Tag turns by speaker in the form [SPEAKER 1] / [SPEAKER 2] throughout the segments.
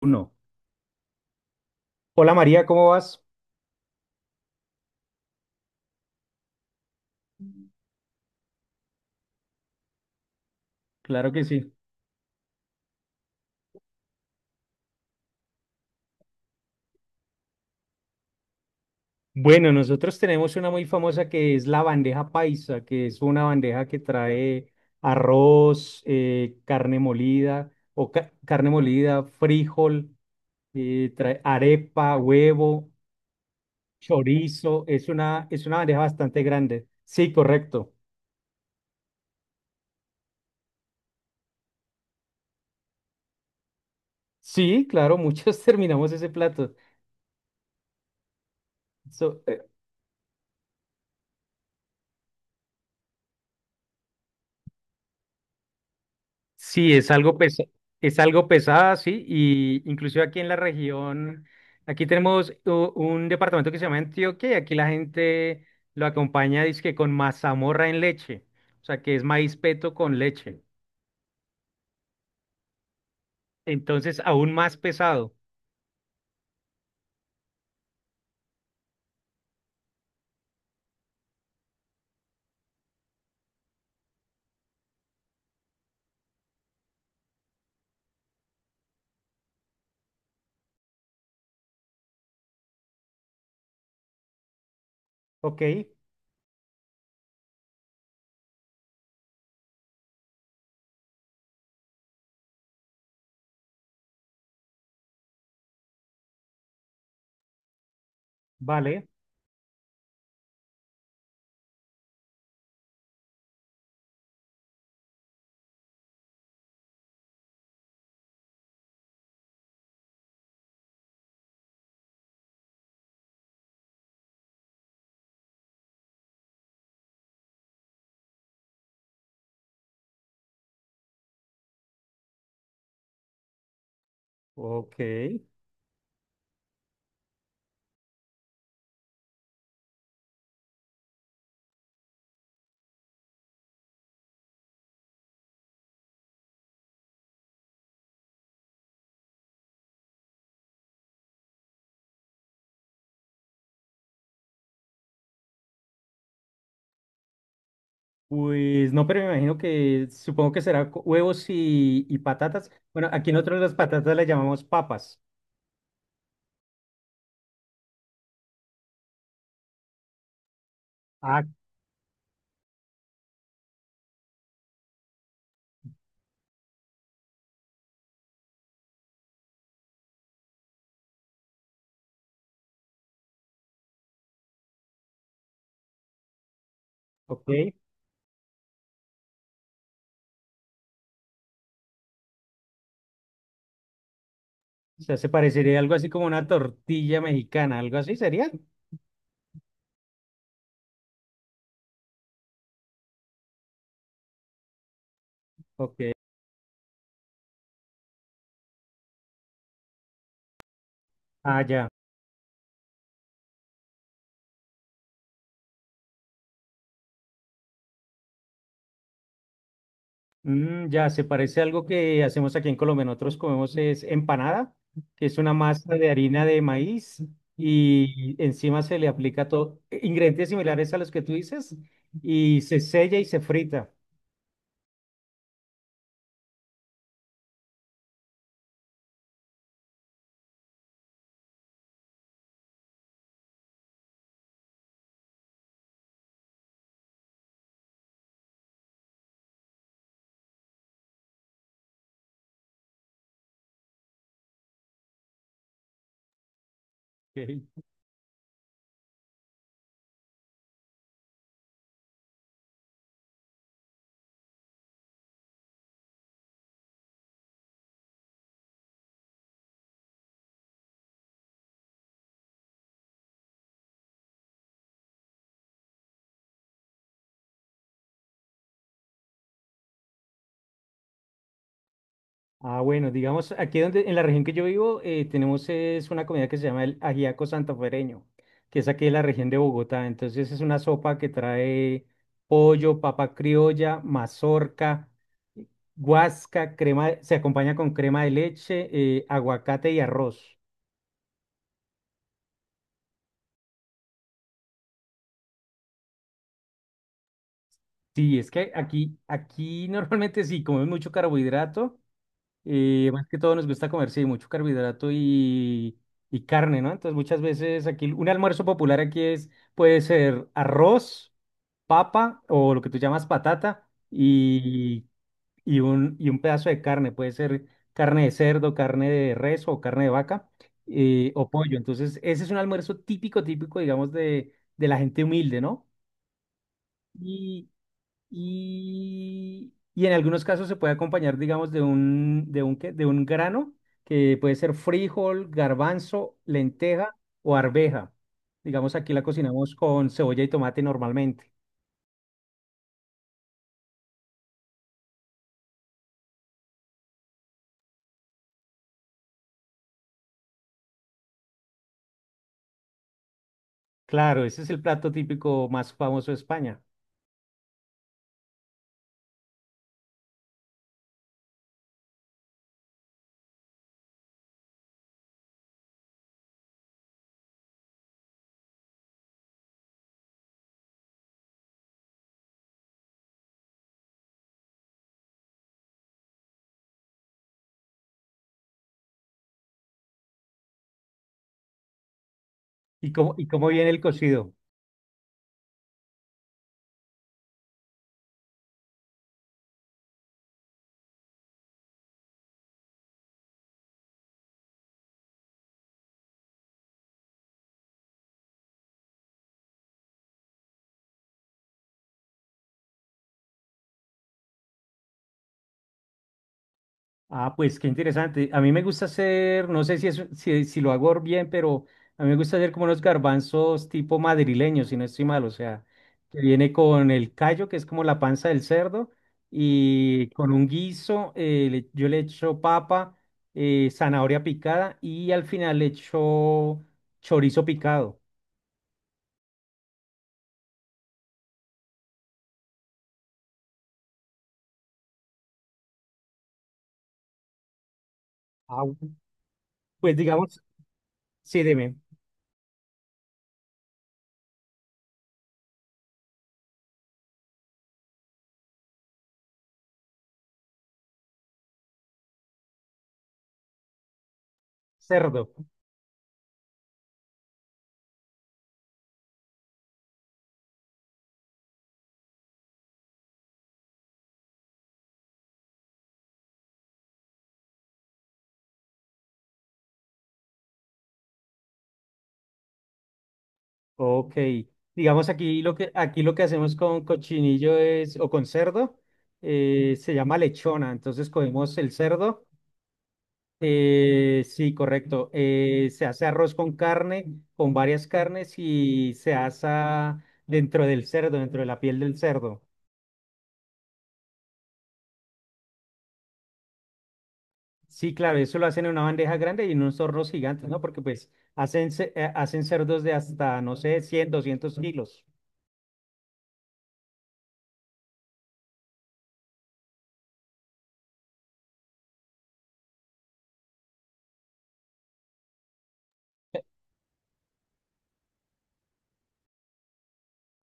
[SPEAKER 1] Uno. Hola María, ¿cómo vas? Claro que sí. Bueno, nosotros tenemos una muy famosa que es la bandeja paisa, que es una bandeja que trae arroz, carne molida o carne molida, frijol, trae arepa, huevo, chorizo. Es una bandeja bastante grande. Sí, correcto. Sí, claro, muchos terminamos ese plato. So, eh, Sí, es algo pesada, sí, y inclusive aquí en la región, aquí tenemos un departamento que se llama Antioquia y aquí la gente lo acompaña, dizque con mazamorra en leche, o sea, que es maíz peto con leche. Entonces, aún más pesado. Ok, vale, ok. Pues no, pero me imagino que supongo que será huevos y patatas. Bueno, aquí nosotros las patatas las llamamos papas. Ah, ok. O sea, se parecería algo así como una tortilla mexicana, algo así sería. Ok. Ah, ya. Mm, ya, se parece a algo que hacemos aquí en Colombia. Nosotros comemos es empanada, que es una masa de harina de maíz y encima se le aplica todo, ingredientes similares a los que tú dices y se sella y se frita. Ok. Ah, bueno, digamos, aquí donde, en la región que yo vivo, tenemos es una comida que se llama el ajiaco santafereño, que es aquí de la región de Bogotá. Entonces es una sopa que trae pollo, papa criolla, mazorca, guasca, crema, se acompaña con crema de leche, aguacate y arroz. Sí, es que aquí normalmente sí comemos mucho carbohidrato. Y más que todo nos gusta comer, sí, mucho carbohidrato y carne, ¿no? Entonces muchas veces aquí un almuerzo popular aquí es, puede ser arroz, papa o lo que tú llamas patata y, y un pedazo de carne. Puede ser carne de cerdo, carne de res o carne de vaca o pollo. Entonces ese es un almuerzo típico, típico, digamos, de la gente humilde, ¿no? Y, y en algunos casos se puede acompañar, digamos, de un, ¿qué? De un grano que puede ser frijol, garbanzo, lenteja o arveja. Digamos, aquí la cocinamos con cebolla y tomate normalmente. Claro, ese es el plato típico más famoso de España. Y cómo viene el cocido? Ah, pues qué interesante. A mí me gusta hacer, no sé si, es, si, si lo hago bien, pero a mí me gusta hacer como unos garbanzos tipo madrileños, si no estoy mal. O sea, que viene con el callo, que es como la panza del cerdo, y con un guiso, yo le echo papa, zanahoria picada y al final le echo chorizo picado. Ah, pues digamos, sí, dime, cerdo. Ok, digamos aquí lo que hacemos con cochinillo es o con cerdo se llama lechona, entonces cogemos el cerdo, sí, correcto, se hace arroz con carne, con varias carnes y se asa dentro del cerdo, dentro de la piel del cerdo. Sí, claro, eso lo hacen en una bandeja grande y en unos hornos gigantes, ¿no? Porque pues hacen cerdos de hasta no sé 100, 200 kilos.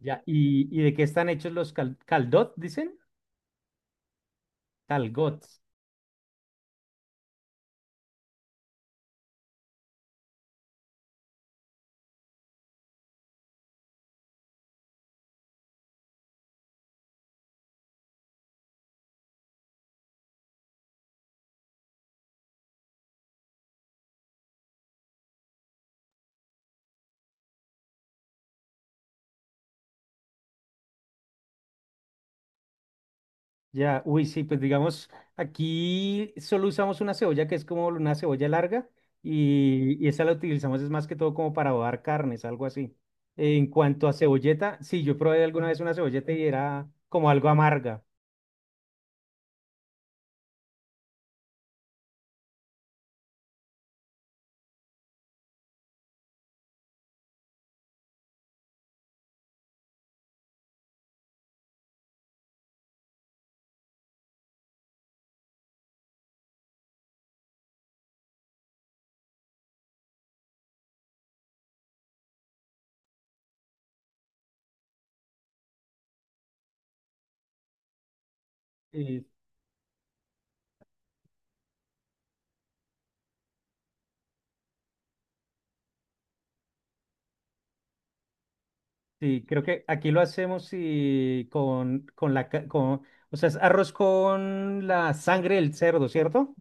[SPEAKER 1] Ya. Y de qué están hechos los caldot, dicen? Calgot. Ya, uy, sí, pues digamos, aquí solo usamos una cebolla que es como una cebolla larga y esa la utilizamos es más que todo como para adobar carnes, algo así. En cuanto a cebolleta, sí, yo probé alguna vez una cebolleta y era como algo amarga. Y, sí, creo que aquí lo hacemos y con, con, o sea, es arroz con la sangre del cerdo, ¿cierto?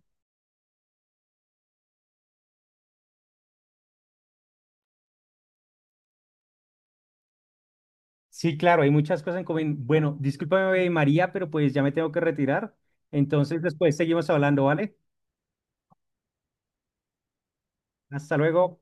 [SPEAKER 1] Sí, claro, hay muchas cosas en común. Bueno, discúlpame, María, pero pues ya me tengo que retirar. Entonces después seguimos hablando, ¿vale? Hasta luego.